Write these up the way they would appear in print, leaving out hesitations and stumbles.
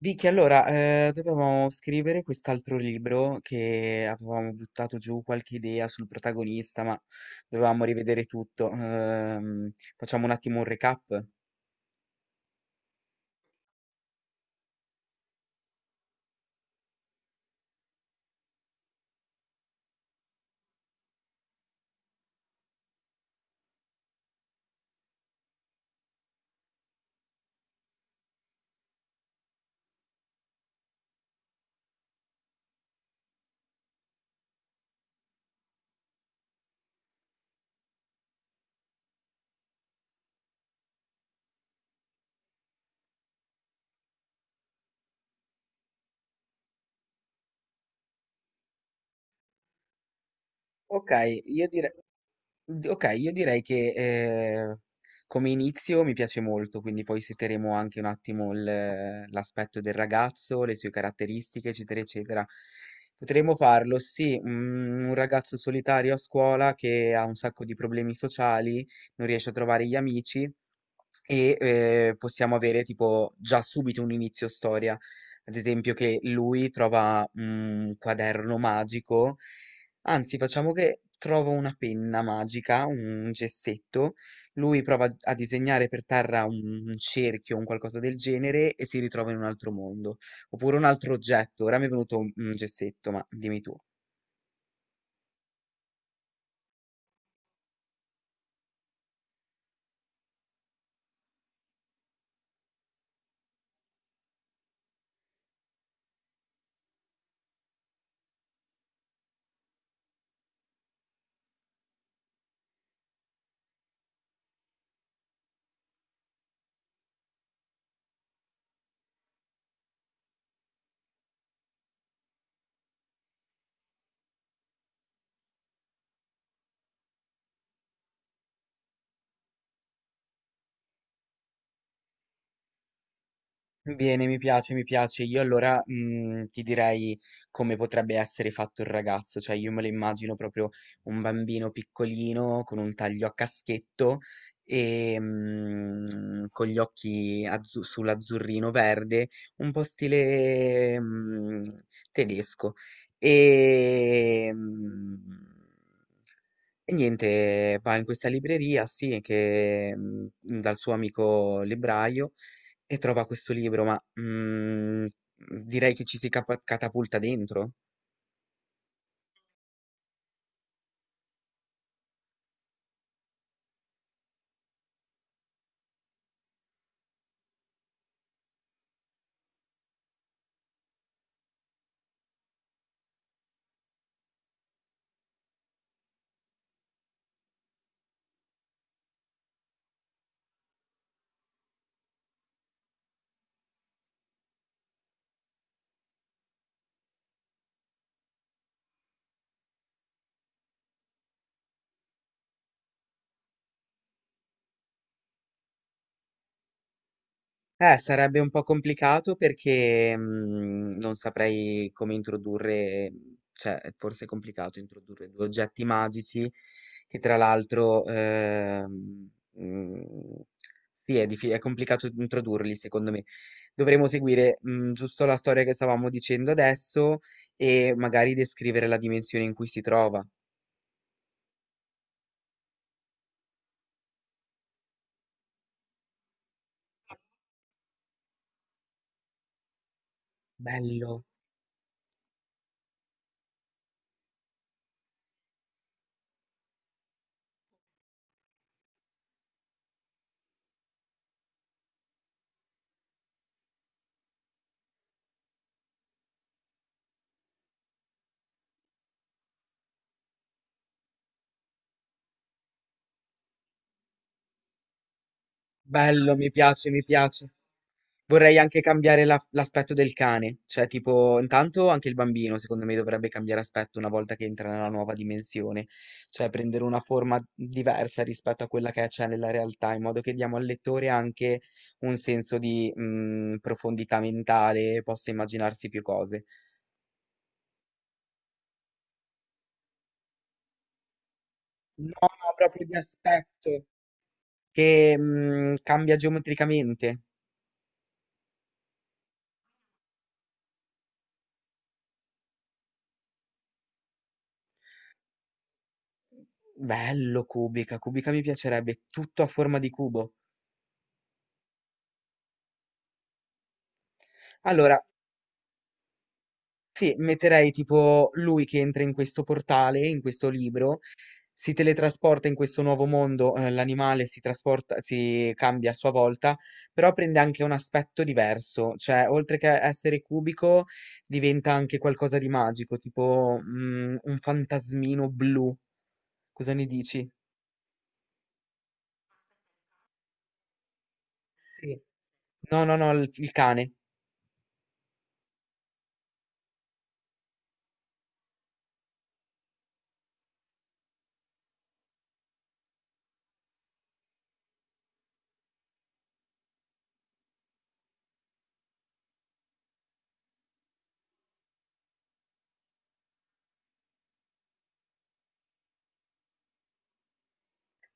Vicky, allora, dovevamo scrivere quest'altro libro che avevamo buttato giù qualche idea sul protagonista, ma dovevamo rivedere tutto. Facciamo un attimo un recap. Ok, io direi. D okay, io direi che, come inizio mi piace molto, quindi poi seteremo anche un attimo il l'aspetto del ragazzo, le sue caratteristiche, eccetera, eccetera. Potremmo farlo, sì, un ragazzo solitario a scuola che ha un sacco di problemi sociali, non riesce a trovare gli amici e possiamo avere tipo già subito un inizio storia. Ad esempio che lui trova un quaderno magico, anzi facciamo che trova una penna magica, un gessetto, lui prova a disegnare per terra un cerchio, un qualcosa del genere e si ritrova in un altro mondo, oppure un altro oggetto. Ora mi è venuto un gessetto, ma dimmi tu. Bene, mi piace, mi piace. Io allora ti direi come potrebbe essere fatto il ragazzo, cioè io me lo immagino proprio un bambino piccolino con un taglio a caschetto e con gli occhi sull'azzurrino verde, un po' stile tedesco. E, e niente, va in questa libreria, sì, che dal suo amico libraio e trova questo libro, ma, direi che ci si capa catapulta dentro? Sarebbe un po' complicato perché, non saprei come introdurre cioè, forse è complicato introdurre 2 oggetti magici che tra l'altro, sì, è diffi è complicato introdurli secondo me. Dovremmo seguire, giusto la storia che stavamo dicendo adesso e magari descrivere la dimensione in cui si trova. Bello. Bello, mi piace, mi piace. Vorrei anche cambiare l'aspetto del cane, cioè tipo, intanto anche il bambino secondo me dovrebbe cambiare aspetto una volta che entra nella nuova dimensione, cioè prendere una forma diversa rispetto a quella che c'è nella realtà, in modo che diamo al lettore anche un senso di profondità mentale, possa immaginarsi più cose. No, no, proprio di aspetto che cambia geometricamente. Bello, cubica, cubica mi piacerebbe, tutto a forma di cubo. Allora, sì, metterei tipo lui che entra in questo portale, in questo libro, si teletrasporta in questo nuovo mondo, l'animale si trasporta, si cambia a sua volta, però prende anche un aspetto diverso, cioè oltre che essere cubico diventa anche qualcosa di magico, tipo un fantasmino blu. Cosa ne dici? Sì. No, no, no, il cane.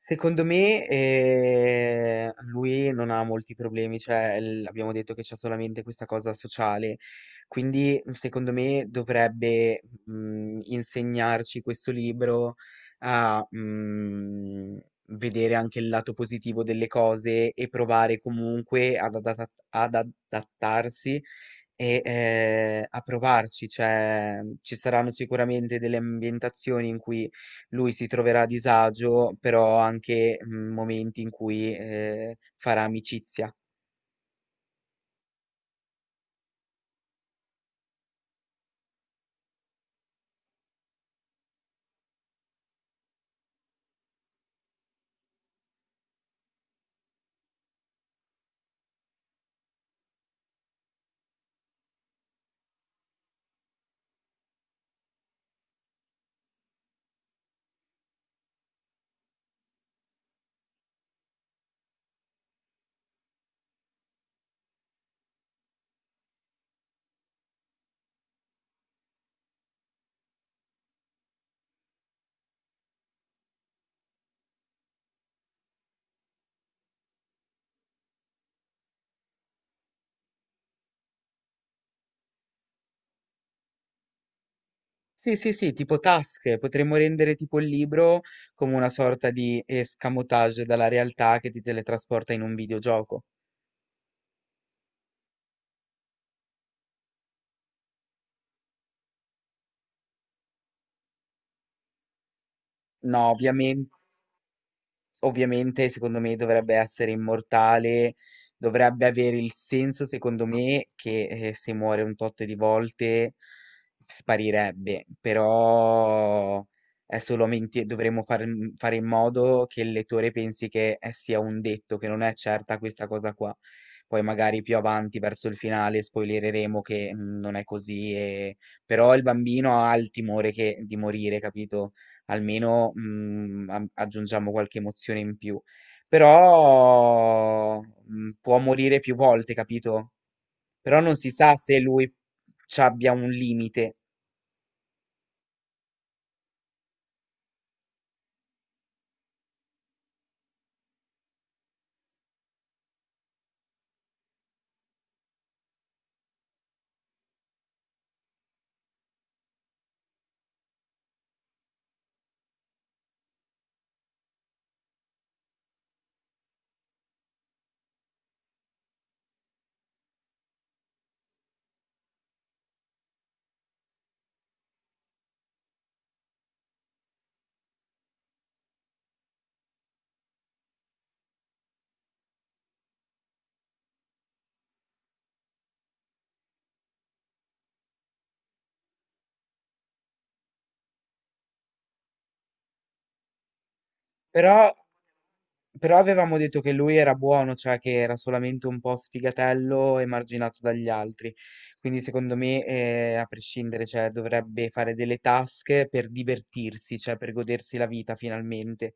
Secondo me, lui non ha molti problemi, cioè l abbiamo detto che c'ha solamente questa cosa sociale, quindi, secondo me dovrebbe, insegnarci questo libro a, vedere anche il lato positivo delle cose e provare comunque ad adatat ad adattarsi e, a provarci. Cioè, ci saranno sicuramente delle ambientazioni in cui lui si troverà a disagio, però anche momenti in cui farà amicizia. Sì, sì, sì, tipo tasche, potremmo rendere tipo il libro come una sorta di escamotage dalla realtà che ti teletrasporta in un videogioco. No, ovviamente. Ovviamente secondo me dovrebbe essere immortale, dovrebbe avere il senso secondo me che se muore un tot di volte sparirebbe, però è solamente fare in modo che il lettore pensi che sia un detto, che non è certa questa cosa qua. Poi magari più avanti verso il finale spoilereremo che non è così, e- però il bambino ha il timore di morire, capito? Almeno aggiungiamo qualche emozione in più. Però può morire più volte, capito? Però non si sa se lui ci abbia un limite. Però, però avevamo detto che lui era buono, cioè che era solamente un po' sfigatello e marginato dagli altri. Quindi secondo me, a prescindere, cioè, dovrebbe fare delle task per divertirsi, cioè per godersi la vita finalmente.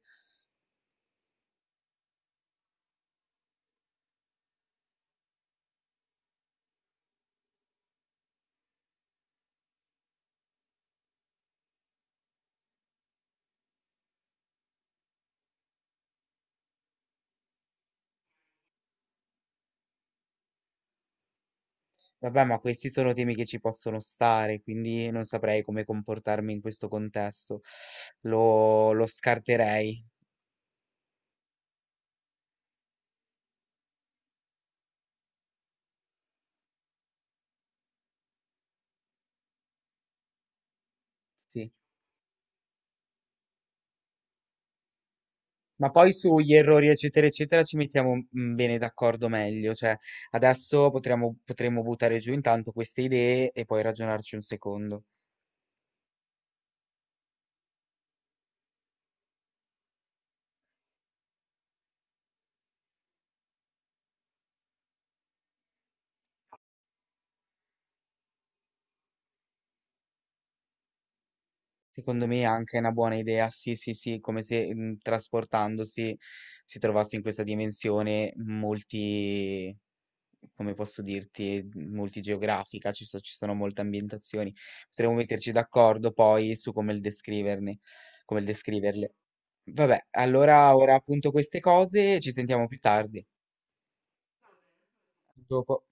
Vabbè, ma questi sono temi che ci possono stare, quindi non saprei come comportarmi in questo contesto. Lo scarterei, sì. Ma poi sugli errori, eccetera, eccetera, ci mettiamo bene d'accordo meglio. Cioè, adesso potremmo buttare giù intanto queste idee e poi ragionarci un secondo. Secondo me è anche una buona idea, sì, sì, sì, come se trasportandosi si trovasse in questa dimensione molti come posso dirti, multigeografica, ci sono molte ambientazioni. Potremmo metterci d'accordo poi su come il descriverne, come il descriverle. Vabbè, allora ora appunto queste cose, ci sentiamo più tardi. Dopo.